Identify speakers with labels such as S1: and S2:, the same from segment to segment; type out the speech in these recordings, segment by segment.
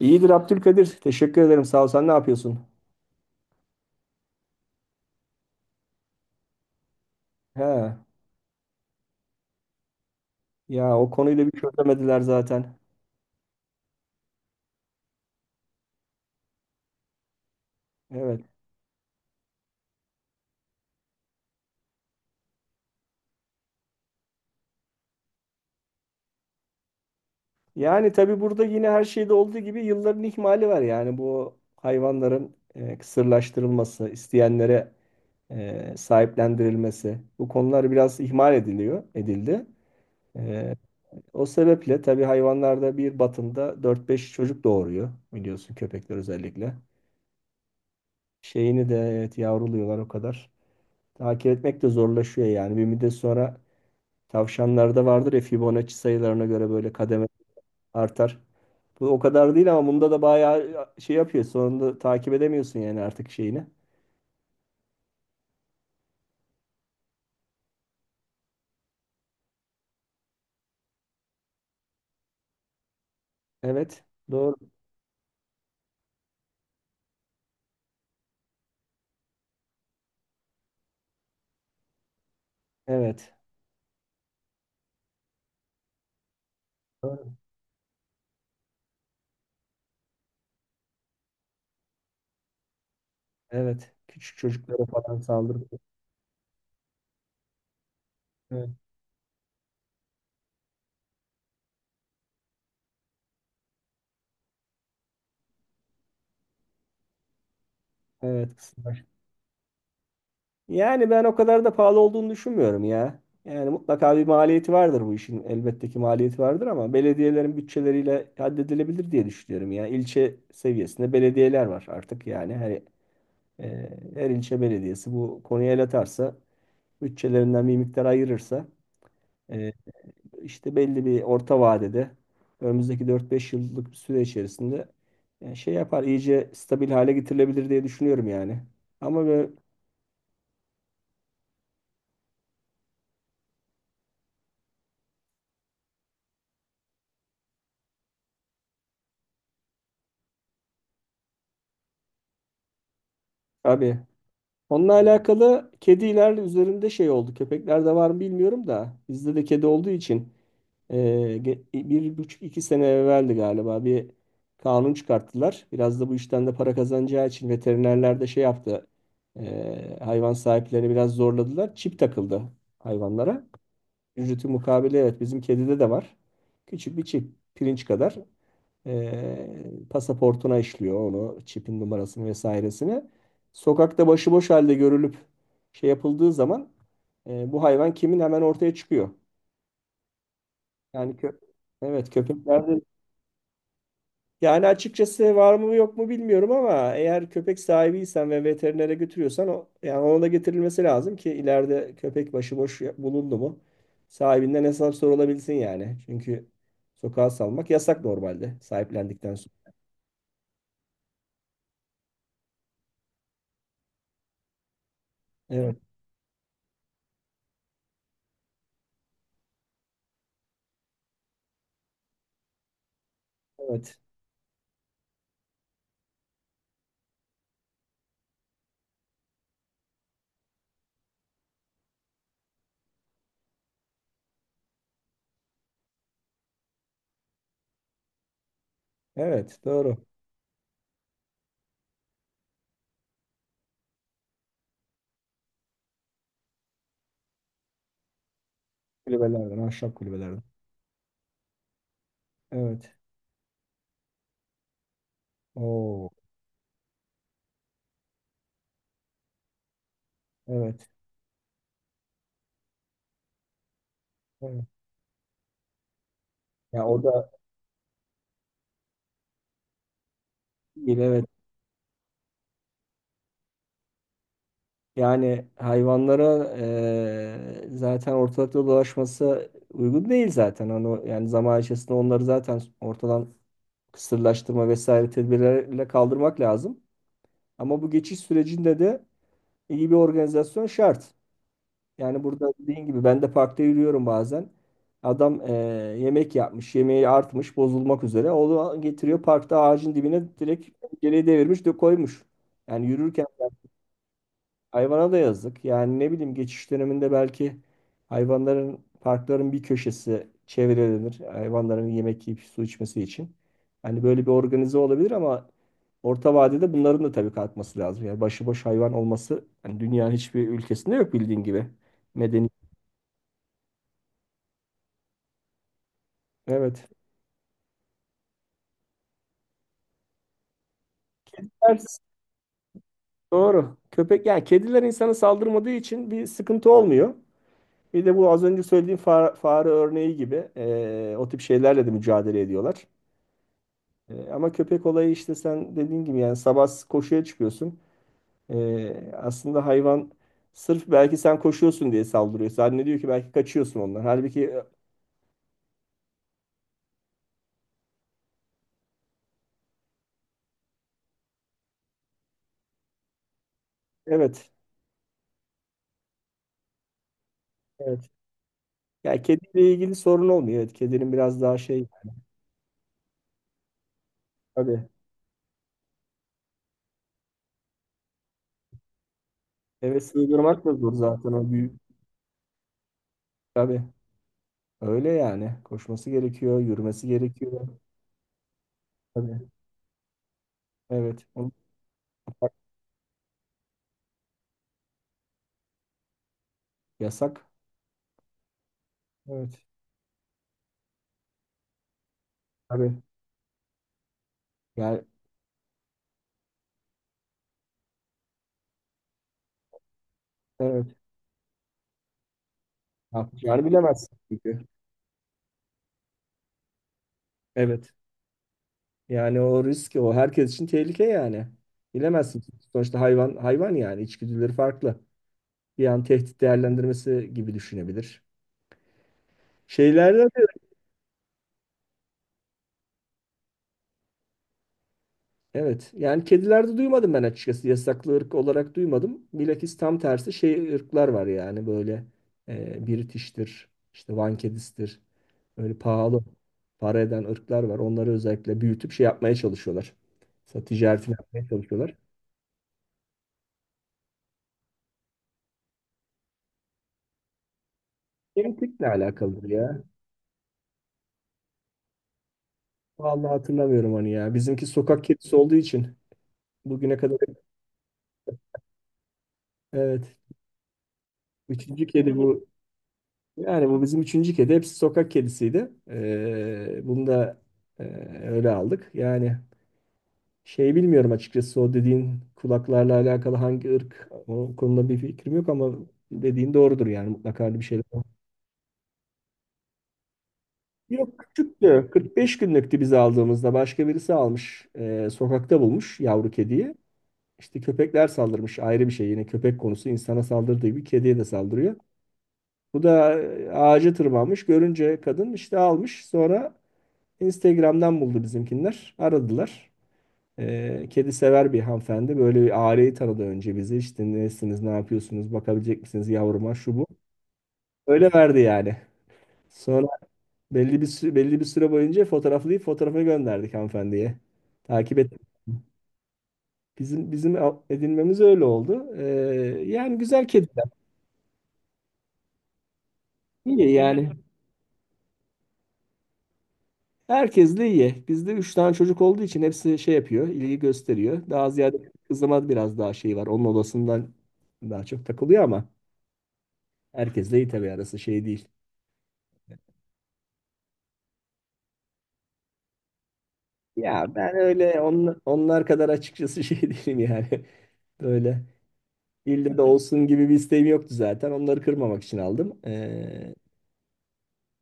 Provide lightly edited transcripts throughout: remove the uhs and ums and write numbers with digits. S1: İyidir Abdülkadir. Teşekkür ederim. Sağ ol. Sen ne yapıyorsun? He. Ya o konuyu da bir şey çözemediler zaten. Evet. Yani tabii burada yine her şeyde olduğu gibi yılların ihmali var. Yani bu hayvanların kısırlaştırılması, isteyenlere sahiplendirilmesi. Bu konular biraz ihmal ediliyor, edildi. E, o sebeple tabii hayvanlarda bir batında dört beş çocuk doğuruyor biliyorsun köpekler özellikle. Şeyini de evet yavruluyorlar o kadar. Takip etmek de zorlaşıyor yani. Bir müddet sonra tavşanlarda vardır ya Fibonacci sayılarına göre böyle kademe artar. Bu o kadar değil ama bunda da bayağı şey yapıyor. Sonunda takip edemiyorsun yani artık şeyini. Evet. Doğru. Evet. Doğru. Evet. Küçük çocuklara falan saldırıyor. Evet. Evet. Yani ben o kadar da pahalı olduğunu düşünmüyorum ya. Yani mutlaka bir maliyeti vardır bu işin. Elbette ki maliyeti vardır ama belediyelerin bütçeleriyle halledilebilir diye düşünüyorum ya. İlçe seviyesinde belediyeler var artık yani. Her ilçe belediyesi bu konuya el atarsa, bütçelerinden bir miktar ayırırsa e, işte belli bir orta vadede önümüzdeki dört beş yıllık bir süre içerisinde şey yapar, iyice stabil hale getirilebilir diye düşünüyorum yani. Ama böyle, abi. Onunla alakalı kediler üzerinde şey oldu. Köpeklerde var mı bilmiyorum da bizde de kedi olduğu için e, bir buçuk iki sene evveldi galiba bir kanun çıkarttılar. Biraz da bu işten de para kazanacağı için veterinerler de şey yaptı. Hayvan sahiplerini biraz zorladılar. Çip takıldı hayvanlara. Ücreti mukabili evet bizim kedide de var. Küçük bir çip pirinç kadar pasaportuna işliyor onu çipin numarasını vesairesini. Sokakta başıboş halde görülüp şey yapıldığı zaman bu hayvan kimin hemen ortaya çıkıyor. Yani evet köpeklerde. Yani açıkçası var mı yok mu bilmiyorum ama eğer köpek sahibiysen ve veterinere götürüyorsan o, yani ona da getirilmesi lazım ki ileride köpek başıboş bulundu mu sahibinden hesap sorulabilsin yani. Çünkü sokağa salmak yasak normalde sahiplendikten sonra. Evet, evet, evet, doğru. Kulübelerden, ahşap kulübelerden. Evet. Oo, evet. Evet. Ya o da değil, evet. Yani hayvanlara zaten ortalıkta dolaşması uygun değil zaten. Onu, yani zaman içerisinde onları zaten ortadan kısırlaştırma vesaire tedbirlerle kaldırmak lazım. Ama bu geçiş sürecinde de iyi bir organizasyon şart. Yani burada dediğin gibi ben de parkta yürüyorum bazen. Adam yemek yapmış, yemeği artmış, bozulmak üzere. Onu getiriyor parkta ağacın dibine direkt geriye devirmiş de koymuş. Yani yürürken. Hayvana da yazık. Yani ne bileyim geçiş döneminde belki hayvanların parkların bir köşesi çevrelenir. Hayvanların yemek yiyip su içmesi için. Hani böyle bir organize olabilir ama orta vadede bunların da tabii kalkması lazım. Yani başıboş hayvan olması hani dünyanın hiçbir ülkesinde yok bildiğin gibi. Medeni. Evet. Ters. Doğru. Köpek yani kediler insana saldırmadığı için bir sıkıntı olmuyor. Bir de bu az önce söylediğim fare örneği gibi o tip şeylerle de mücadele ediyorlar. Ama köpek olayı işte sen dediğin gibi yani sabah koşuya çıkıyorsun. Aslında hayvan sırf belki sen koşuyorsun diye saldırıyor. Zannediyor ki belki kaçıyorsun ondan. Halbuki evet. Evet. Yani kediyle ilgili sorun olmuyor. Evet, kedinin biraz daha şey tabii, eve sığdırmak da zor zaten o büyük. Tabii. Öyle yani. Koşması gerekiyor, yürümesi gerekiyor. Tabii. Evet. Onu yasak. Yasak. Evet. Tabii. Yani evet. Ne yapacağını bilemezsin çünkü. Evet. Yani o risk, o herkes için tehlike yani. Bilemezsin. Sonuçta hayvan hayvan, yani içgüdüleri farklı. Bir an tehdit değerlendirmesi gibi düşünebilir. Şeylerde de evet, yani kedilerde duymadım ben açıkçası, yasaklı ırk olarak duymadım. Bilakis tam tersi şey ırklar var yani böyle British'tir, işte Van kedisidir, öyle pahalı para eden ırklar var. Onları özellikle büyütüp şey yapmaya çalışıyorlar. Ticaretini yapmaya çalışıyorlar. Genetikle alakalıdır ya. Vallahi hatırlamıyorum onu ya. Bizimki sokak kedisi olduğu için bugüne kadar evet. Üçüncü kedi bu. Yani bu bizim üçüncü kedi. Hepsi sokak kedisiydi. Bunu da e, öyle aldık. Yani şey, bilmiyorum açıkçası o dediğin kulaklarla alakalı hangi ırk, o konuda bir fikrim yok ama dediğin doğrudur yani, mutlaka bir şeyler var. Yok, küçüktü. 45 günlüktü biz aldığımızda. Başka birisi almış. Sokakta bulmuş yavru kediyi. İşte köpekler saldırmış ayrı bir şey. Yine köpek konusu insana saldırdığı gibi kediye de saldırıyor. Bu da ağaca tırmanmış. Görünce kadın işte almış. Sonra Instagram'dan buldu bizimkinler. Aradılar. Kedi sever bir hanımefendi. Böyle bir aileyi tanıdı, önce bizi. İşte nesiniz, ne yapıyorsunuz, bakabilecek misiniz yavruma, şu bu. Öyle verdi yani. Sonra belli bir süre boyunca fotoğraflayıp fotoğrafı gönderdik hanımefendiye. Takip et. Bizim edinmemiz öyle oldu. Yani güzel kedi. İyi yani. Herkesle iyi. Bizde üç tane çocuk olduğu için hepsi şey yapıyor, ilgi gösteriyor. Daha ziyade kızıma biraz daha şey var. Onun odasından daha çok takılıyor ama herkesle iyi tabii, arası şey değil. Ya ben öyle onlar kadar açıkçası şey değilim yani. Böyle ille de olsun gibi bir isteğim yoktu zaten. Onları kırmamak için aldım. Ee,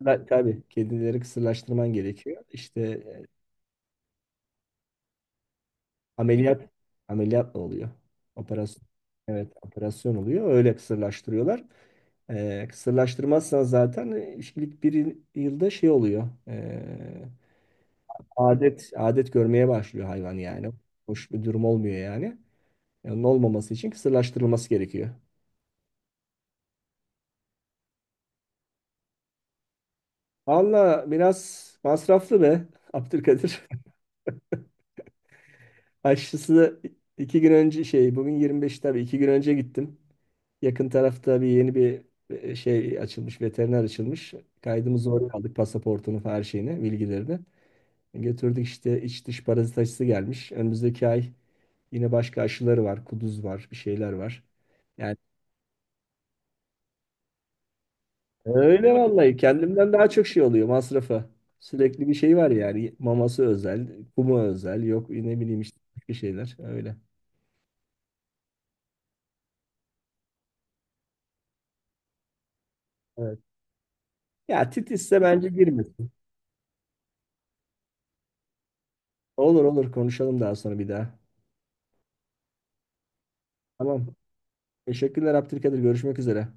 S1: ben- tabii kedileri kısırlaştırman gerekiyor. İşte ameliyat ameliyatla oluyor. Operasyon. Evet, operasyon oluyor. Öyle kısırlaştırıyorlar. Kısırlaştırmazsan zaten ilk bir yılda şey oluyor. Adet görmeye başlıyor hayvan yani. Hoş bir durum olmuyor yani. Onun olmaması için kısırlaştırılması gerekiyor. Valla biraz masraflı be Abdülkadir. Aşısı iki gün önce şey, bugün 25, tabii iki gün önce gittim. Yakın tarafta bir yeni bir şey açılmış, veteriner açılmış. Kaydımızı oraya aldık, pasaportunu, her şeyini, bilgilerini. Götürdük, işte iç dış parazit aşısı gelmiş. Önümüzdeki ay yine başka aşıları var. Kuduz var, bir şeyler var. Yani öyle, vallahi kendimden daha çok şey oluyor masrafı. Sürekli bir şey var yani. Maması özel, kumu özel. Yok ne bileyim işte, bir şeyler öyle. Evet. Ya titizse bence girmesin. Olur olur, konuşalım daha sonra bir daha. Tamam. Teşekkürler Abdülkadir. Görüşmek üzere.